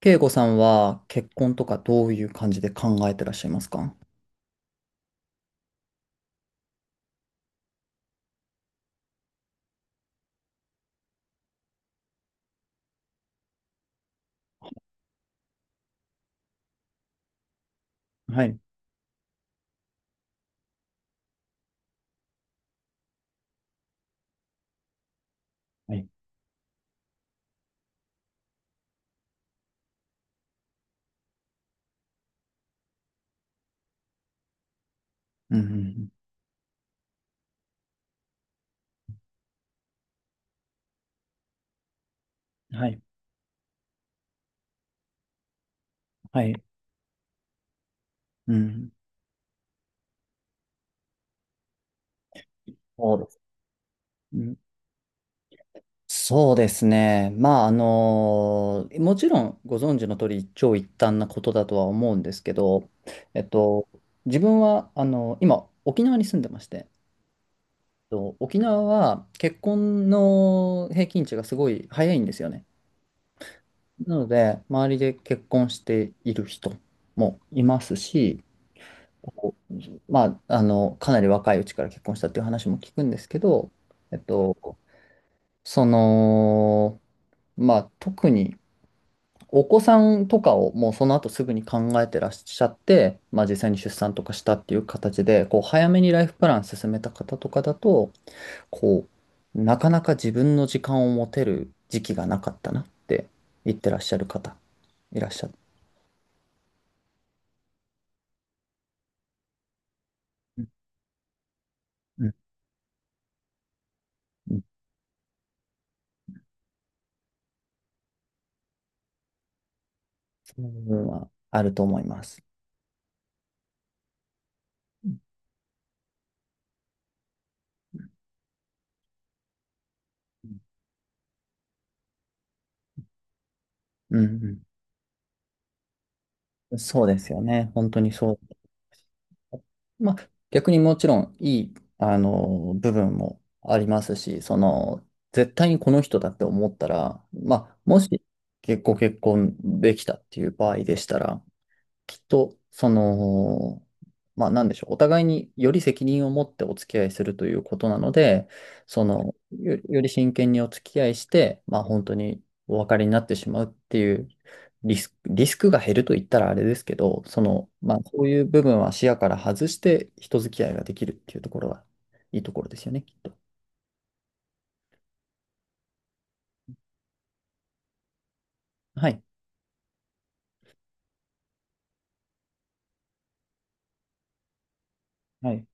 慶吾さんは結婚とかどういう感じで考えてらっしゃいますか？はい、はい、うんうんうん、はい、はい、うん、そうです。うん、そうですね。まあ、もちろんご存知の通り一長一短なことだとは思うんですけど、えっと、自分は、今、沖縄に住んでまして、沖縄は結婚の平均値がすごい早いんですよね。なので、周りで結婚している人もいますし、まあ、かなり若いうちから結婚したっていう話も聞くんですけど、えっと、その、まあ、特にお子さんとかをもうその後すぐに考えてらっしゃって、まあ、実際に出産とかしたっていう形で、早めにライフプラン進めた方とかだと、こなかなか自分の時間を持てる時期がなかったなって言ってらっしゃる方、いらっしゃる。うんうんうん。その部分はあると思います。うんうん。うんうん、そうですよね。本当にそう。まあ、逆にもちろんいい、部分もありますし、絶対にこの人だって思ったら、まあ、もし、結構結婚できたっていう場合でしたら、きっと、まあ、なんでしょう、お互いにより責任を持ってお付き合いするということなので、より真剣にお付き合いして、まあ、本当にお別れになってしまうっていうリスクが減ると言ったらあれですけど、まあ、そういう部分は視野から外して人付き合いができるっていうところがいいところですよね、きっと。はい。はい、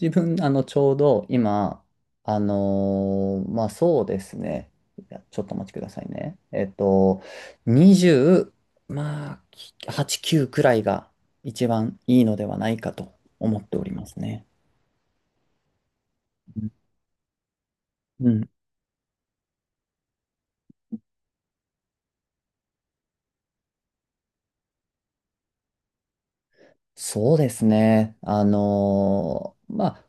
自分、ちょうど今、まあ、そうですね。いやちょっとお待ちくださいね。20、まあ、8、9くらいが一番いいのではないかと思っておりますね。うん。そうですね。まあ、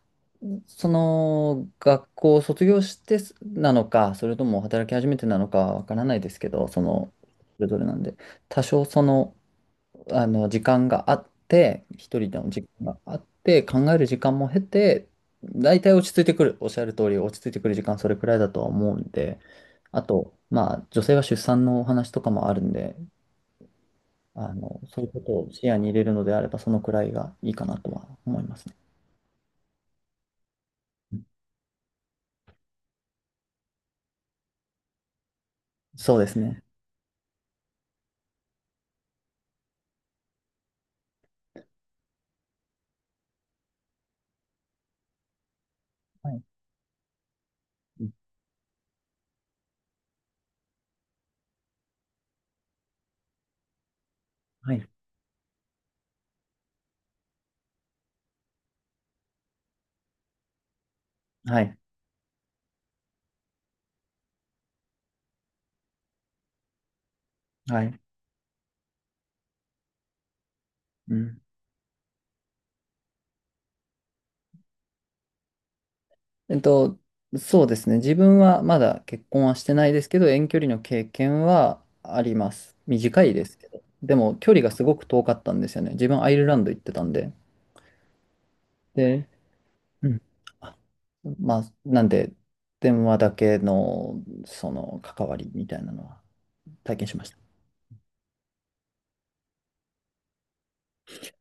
学校を卒業してすなのか、それとも働き始めてなのかわからないですけど、それぞれなんで、多少時間があって、一人の時間があって、考える時間も経て、大体落ち着いてくる。おっしゃる通り、落ち着いてくる時間それくらいだとは思うんで、あと、まあ、女性は出産のお話とかもあるんで、そういうことを視野に入れるのであれば、そのくらいがいいかなとは思いますね。そうですね。はい。うん、はい。はい。はい。うん。えっと、そうですね。自分はまだ結婚はしてないですけど、遠距離の経験はあります。短いですけど。でも、距離がすごく遠かったんですよね。自分、アイルランド行ってたんで。で、うんあまあ、なんで、電話だけの、関わりみたいなのは体験しました。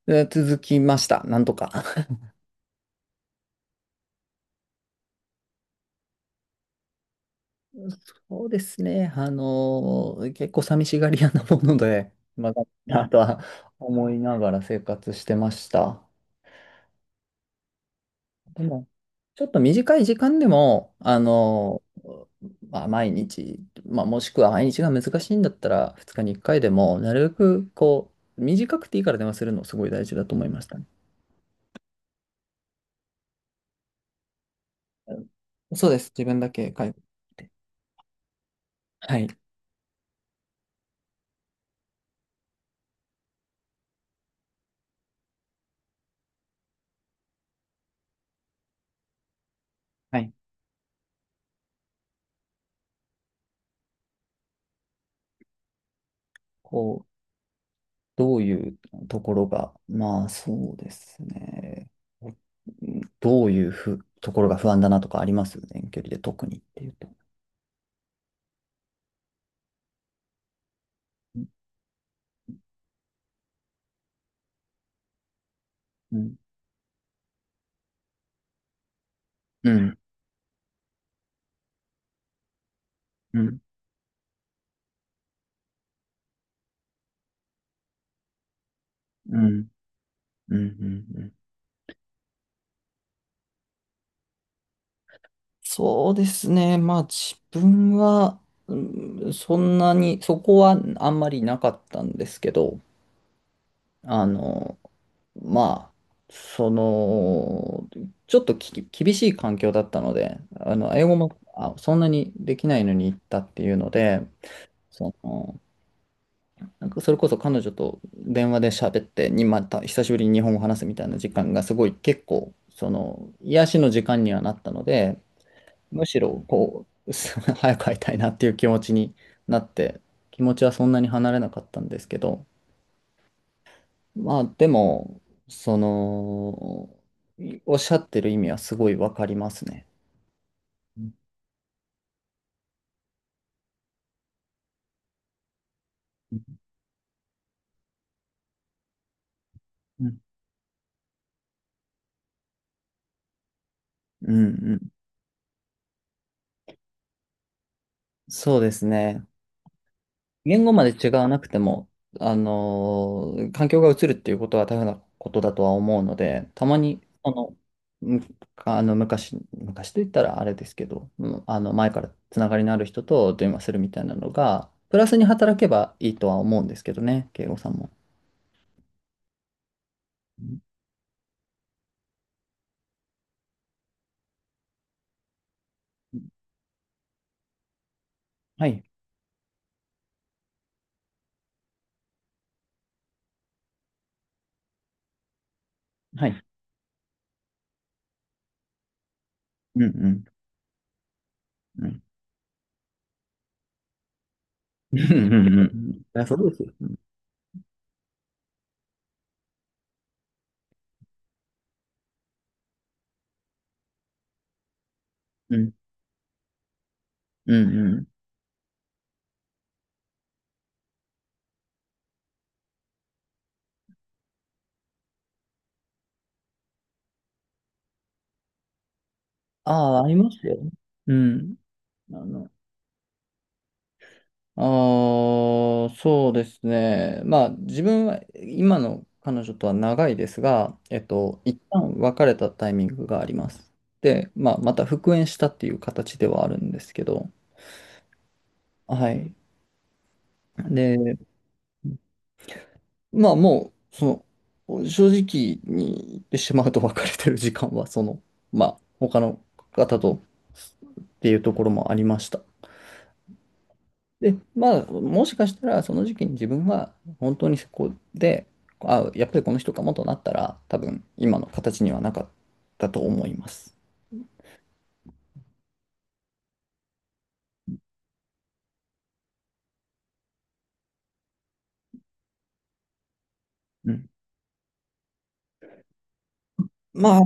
で続きました。なんとか。そうですね。結構寂しがり屋なもので、まあ、だなとは思いながら生活してました。でも、ちょっと短い時間でも、まあ、毎日、まあ、もしくは毎日が難しいんだったら、2日に1回でも、なるべく、短くていいから電話するのすごい大事だと思いましたね。うん、そうです。自分だけ介護して。はい。はい。こう、どういうところが、まあ、そうですね。うん、どういうところが不安だなとかあります、遠距離で特にっていうと？うん。うん。うん。うん。うん。うん。うん。うん。そうですね。まあ自分は、うん、そんなに、そこはあんまりなかったんですけど、あの、まあ、その、ちょっと厳しい環境だったので、英語もそんなにできないのに行ったっていうので、その、なんかそれこそ彼女と電話で喋って、にまた久しぶりに日本語を話すみたいな時間がすごい結構、癒しの時間にはなったので、むしろ、早く会いたいなっていう気持ちになって、気持ちはそんなに離れなかったんですけど、まあ、でも、その、おっしゃってる意味はすごいわかりますね。うんうんうん、そうですね。言語まで違わなくても、環境が移るっていうことは大変なことだとは思うので、たまに、あの、むあの昔、昔と言ったらあれですけど、うん、あの前からつながりのある人と電話するみたいなのが、プラスに働けばいいとは思うんですけどね、慶吾さんも。うん、はい、はい。うんうんうん。うんうんうん。いやそうですよ。うんうんうん。ああ、ありますよ。うん。あのああ、そうですね。まあ、自分は今の彼女とは長いですが、一旦別れたタイミングがあります。で、まあ、また復縁したっていう形ではあるんですけど、はい。で、まあ、もう、正直に言ってしまうと別れてる時間は、まあ、他の方とっていうところもありました。で、まあ、もしかしたら、その時期に自分は、本当にそこで、あ、やっぱりこの人かもとなったら、多分、今の形にはなかったと思います。うん。まあ、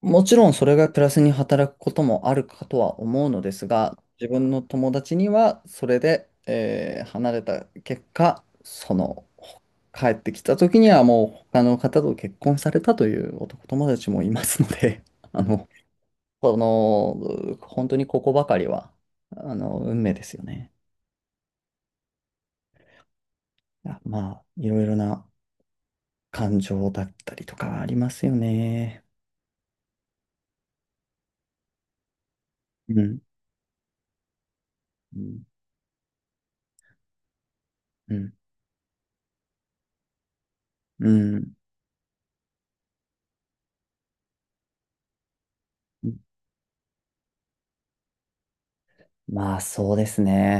もちろんそれがプラスに働くこともあるかとは思うのですが、自分の友達には、それで、離れた結果、帰ってきた時にはもう他の方と結婚されたという男友達もいますので、あの、本当にここばかりは、運命ですよね。まあ、いろいろな感情だったりとかありますよね。うん。うん。うん。うん、まあ、そうですね。